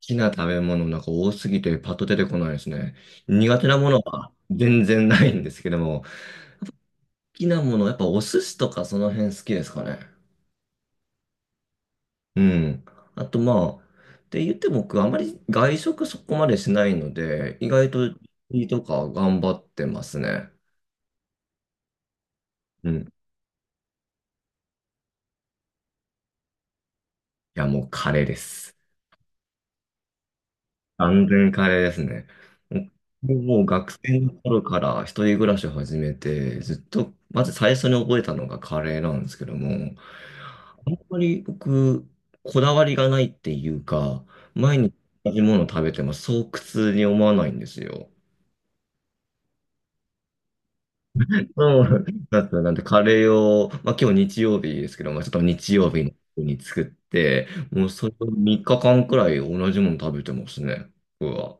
きな食べ物なんか多すぎてパッと出てこないですね。苦手なものは全然ないんですけども、好きなもの、やっぱお寿司とかその辺好きですかね。うん。あとまあ、って言っても僕あまり外食そこまでしないので、意外といいとか頑張ってますね。うん。いやもうカレーです。完全カレーですね。もうもう学生の頃から一人暮らしを始めて、ずっと、まず最初に覚えたのがカレーなんですけども、あんまり僕、こだわりがないっていうか、毎日同じものを食べてもそう苦痛に思わないんですよ。うんなんで、なんでカレーを、まあ今日日曜日ですけど、まあちょっと日曜日に作って、もうそれを3日間くらい同じもの食べてますね、僕は。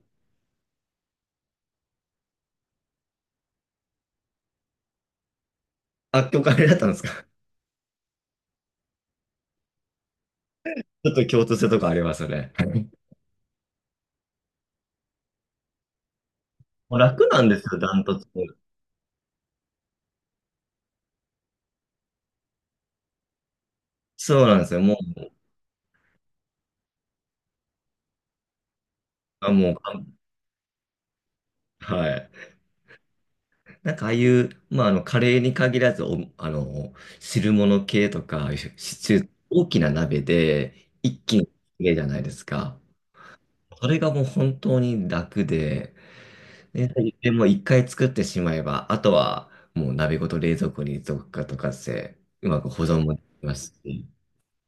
あ、今日カレーだったんですか？ちょっと共通性とかありますよね。もう楽なんですよ、ダントツ。そうなんですよ。もう、あ、もう、あ、はい。なんかああいう、まあ、あの、カレーに限らず、あの、汁物系とか、シチュー、大きな鍋で一気に作れるじゃないですか。それがもう本当に楽で、で、でもう一回作ってしまえば、あとはもう鍋ごと冷蔵庫にどっかとかして、うまく保存もできますし、本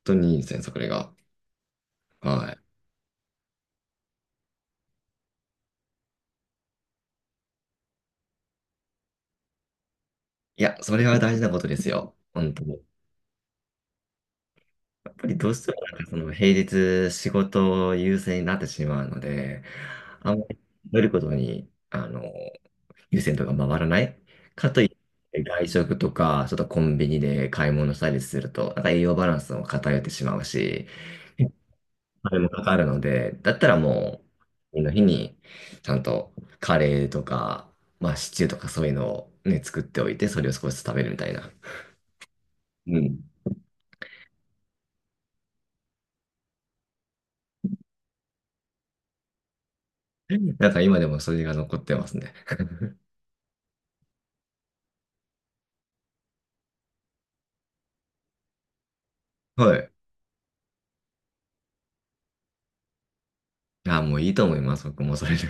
当にいいですね、それが。はい。いや、それは大事なことですよ。本当に。やっぱりどうしてもなんかその平日仕事優先になってしまうので、あんまり食べることに、あの、優先度が回らない。かといって外食とか、ちょっとコンビニで買い物したりすると、なんか栄養バランスも偏ってしまうし、あれもかかるので、だったらもう、次の日に、ちゃんとカレーとか、まあシチューとかそういうのをね、作っておいて、それを少しずつ食べるみたいな。うん。なんか今でもそれが残ってますね。はい。あ、もういいと思います。僕もそれで。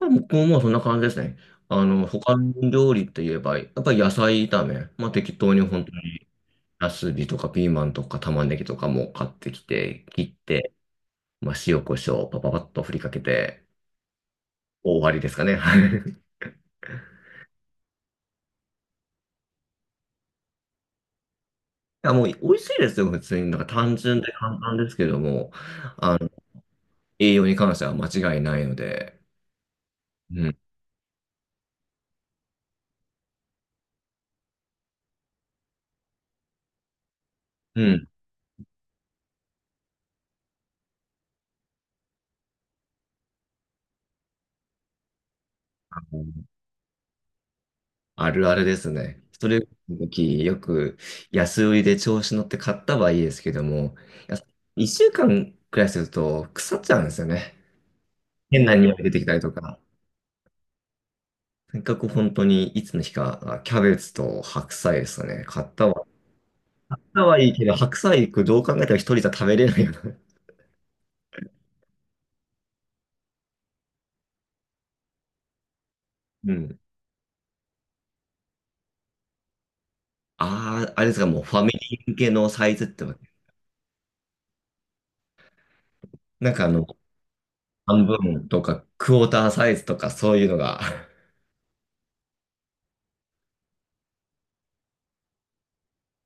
僕ももうそんな感じですね。あの、他の料理といえば、やっぱり野菜炒め。まあ適当に本当に、ナスビとかピーマンとか玉ねぎとかも買ってきて、切って、まあ塩コショウパパパッと振りかけて、終わりですかね。はい。あ、もう美味しいですよ、普通に。なんか単純で簡単ですけども、あの、栄養に関しては間違いないので、うん。うん。あるあるですね。それの時、よく安売りで調子乗って買ったはいいですけども、いや一週間くらいすると腐っちゃうんですよね。変な匂い出てきたりとか。とにかく本当にいつの日か、あ、キャベツと白菜ですかね。買ったはいいけど、白菜行くどう考えても一人じゃ食べれないよな。うん。ああ、あれですか、もうファミリー向けのサイズってわけ。なんかあの、半分とかクォーターサイズとかそういうのが。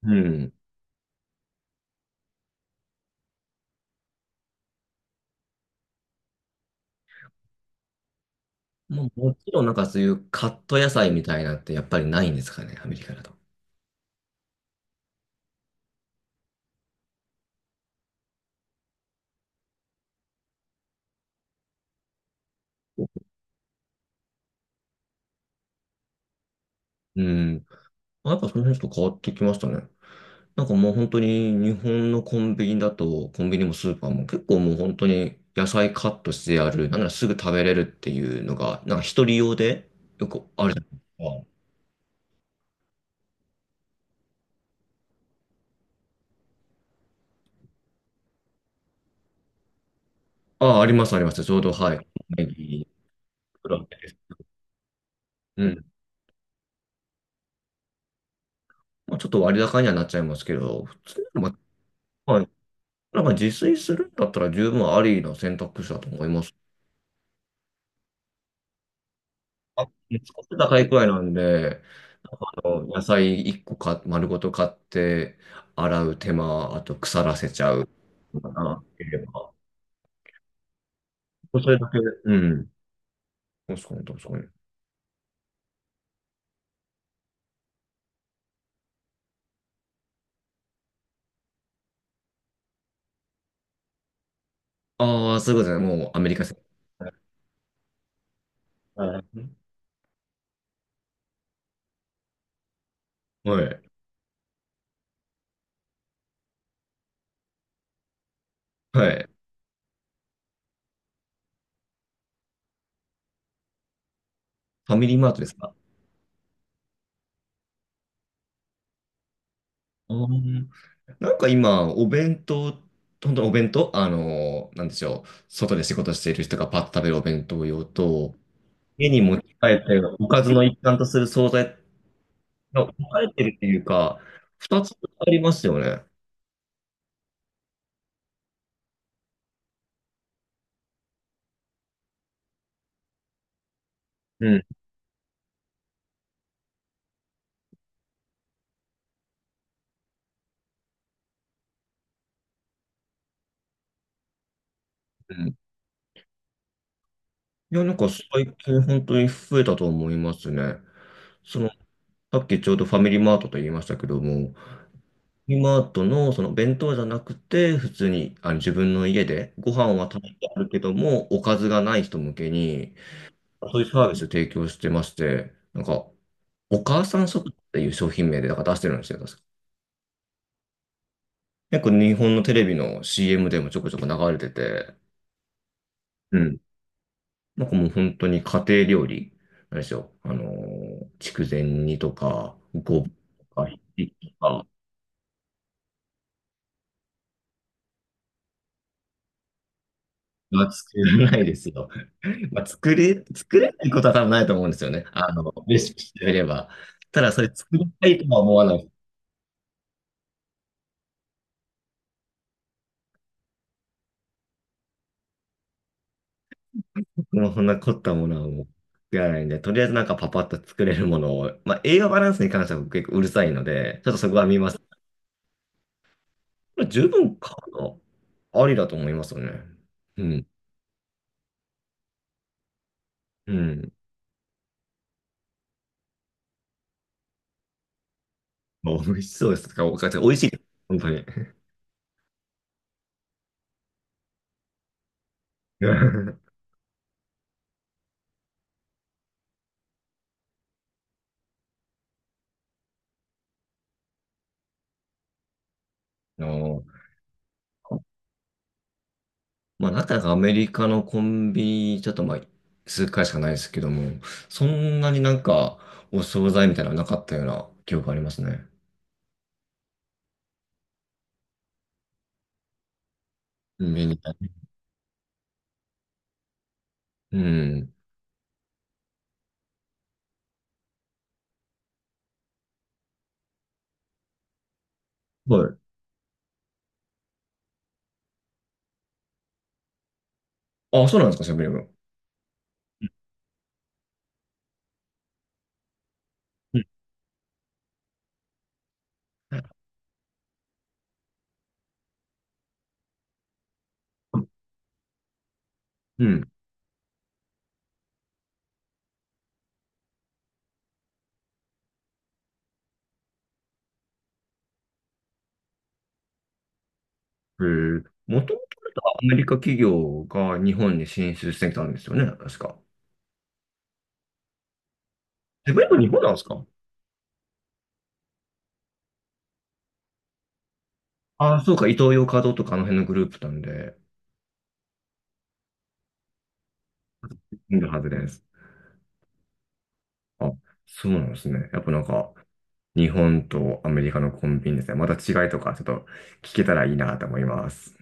うん。もうもちろんなんかそういうカット野菜みたいなのってやっぱりないんですかね、アメリカだと。うん。やっぱその辺ちょっと変わってきましたね。なんかもう本当に日本のコンビニだと、コンビニもスーパーも結構もう本当に野菜カットしてある、なんならすぐ食べれるっていうのが、なんか一人用でよくあるじゃないですか。ああ、ありますあります。ちょうどはい。ネギ、プランです。うん。まあ、ちょっと割高にはなっちゃいますけど、普通にまあ、はい、なんか自炊するんだったら十分ありの選択肢だと思います。あ、作っていくらいなんで、あの野菜1個か丸ごと買って、洗う手間、あと腐らせちゃうかなっていうのは。それだけ、うん。確かに確かに。ああ、そういうことですね。もうアメリカ製。はい。はい。はい。ファミリーマートですか？あーなんか今、お弁当、本当にお弁当、なんでしょう。外で仕事している人がパッと食べるお弁当用と、家に持ち帰っておかずの一環とする惣菜や、分かれてるっていうか、二つありますよね。うん。うん。いや、なんか最近本当に増えたと思いますね。その、さっきちょうどファミリーマートと言いましたけども、ファミリーマートのその弁当じゃなくて、普通にあの自分の家でご飯は食べてあるけども、おかずがない人向けに、そういうサービスを提供してまして、なんか、お母さん食っていう商品名でなんか出してるんですよ、確か。結構日本のテレビの CM でもちょこちょこ流れてて、うんなんかもう本当に家庭料理、なんでしょう。筑前煮とか、ごぼうとか、ひじきとかは作らないですよ。まあ、作れないことは多分ないと思うんですよね。あの、レシピしてみれば。ただ、それ作りたいとは思わない。僕もそんな凝ったものはもう作らないんで、とりあえずなんかパパッと作れるものを、まあ、栄養バランスに関しては僕結構うるさいので、ちょっとそこは見ます。十分買うのありだと思いますよね。うん。うん。まあ美味しそうですか。お母美味しいです。本当に。あの、まあ、なかなかアメリカのコンビニ、ちょっとまあ、数回しかないですけども、そんなになんか、お惣菜みたいなのなかったような記憶ありますね。メニューね。うん。はい。あ、そうなんですか、セブンイレブン。うん。うん。へえ。もともとアメリカ企業が日本に進出してきたんですよね、確か。セブンイレブン日本なんですか？ああ、そうか、イトーヨーカドーとかあの辺のグループなんで、いるはずです。あ、そうなんですね。やっぱなんか、日本とアメリカのコンビニですね。また違いとかちょっと聞けたらいいなと思います。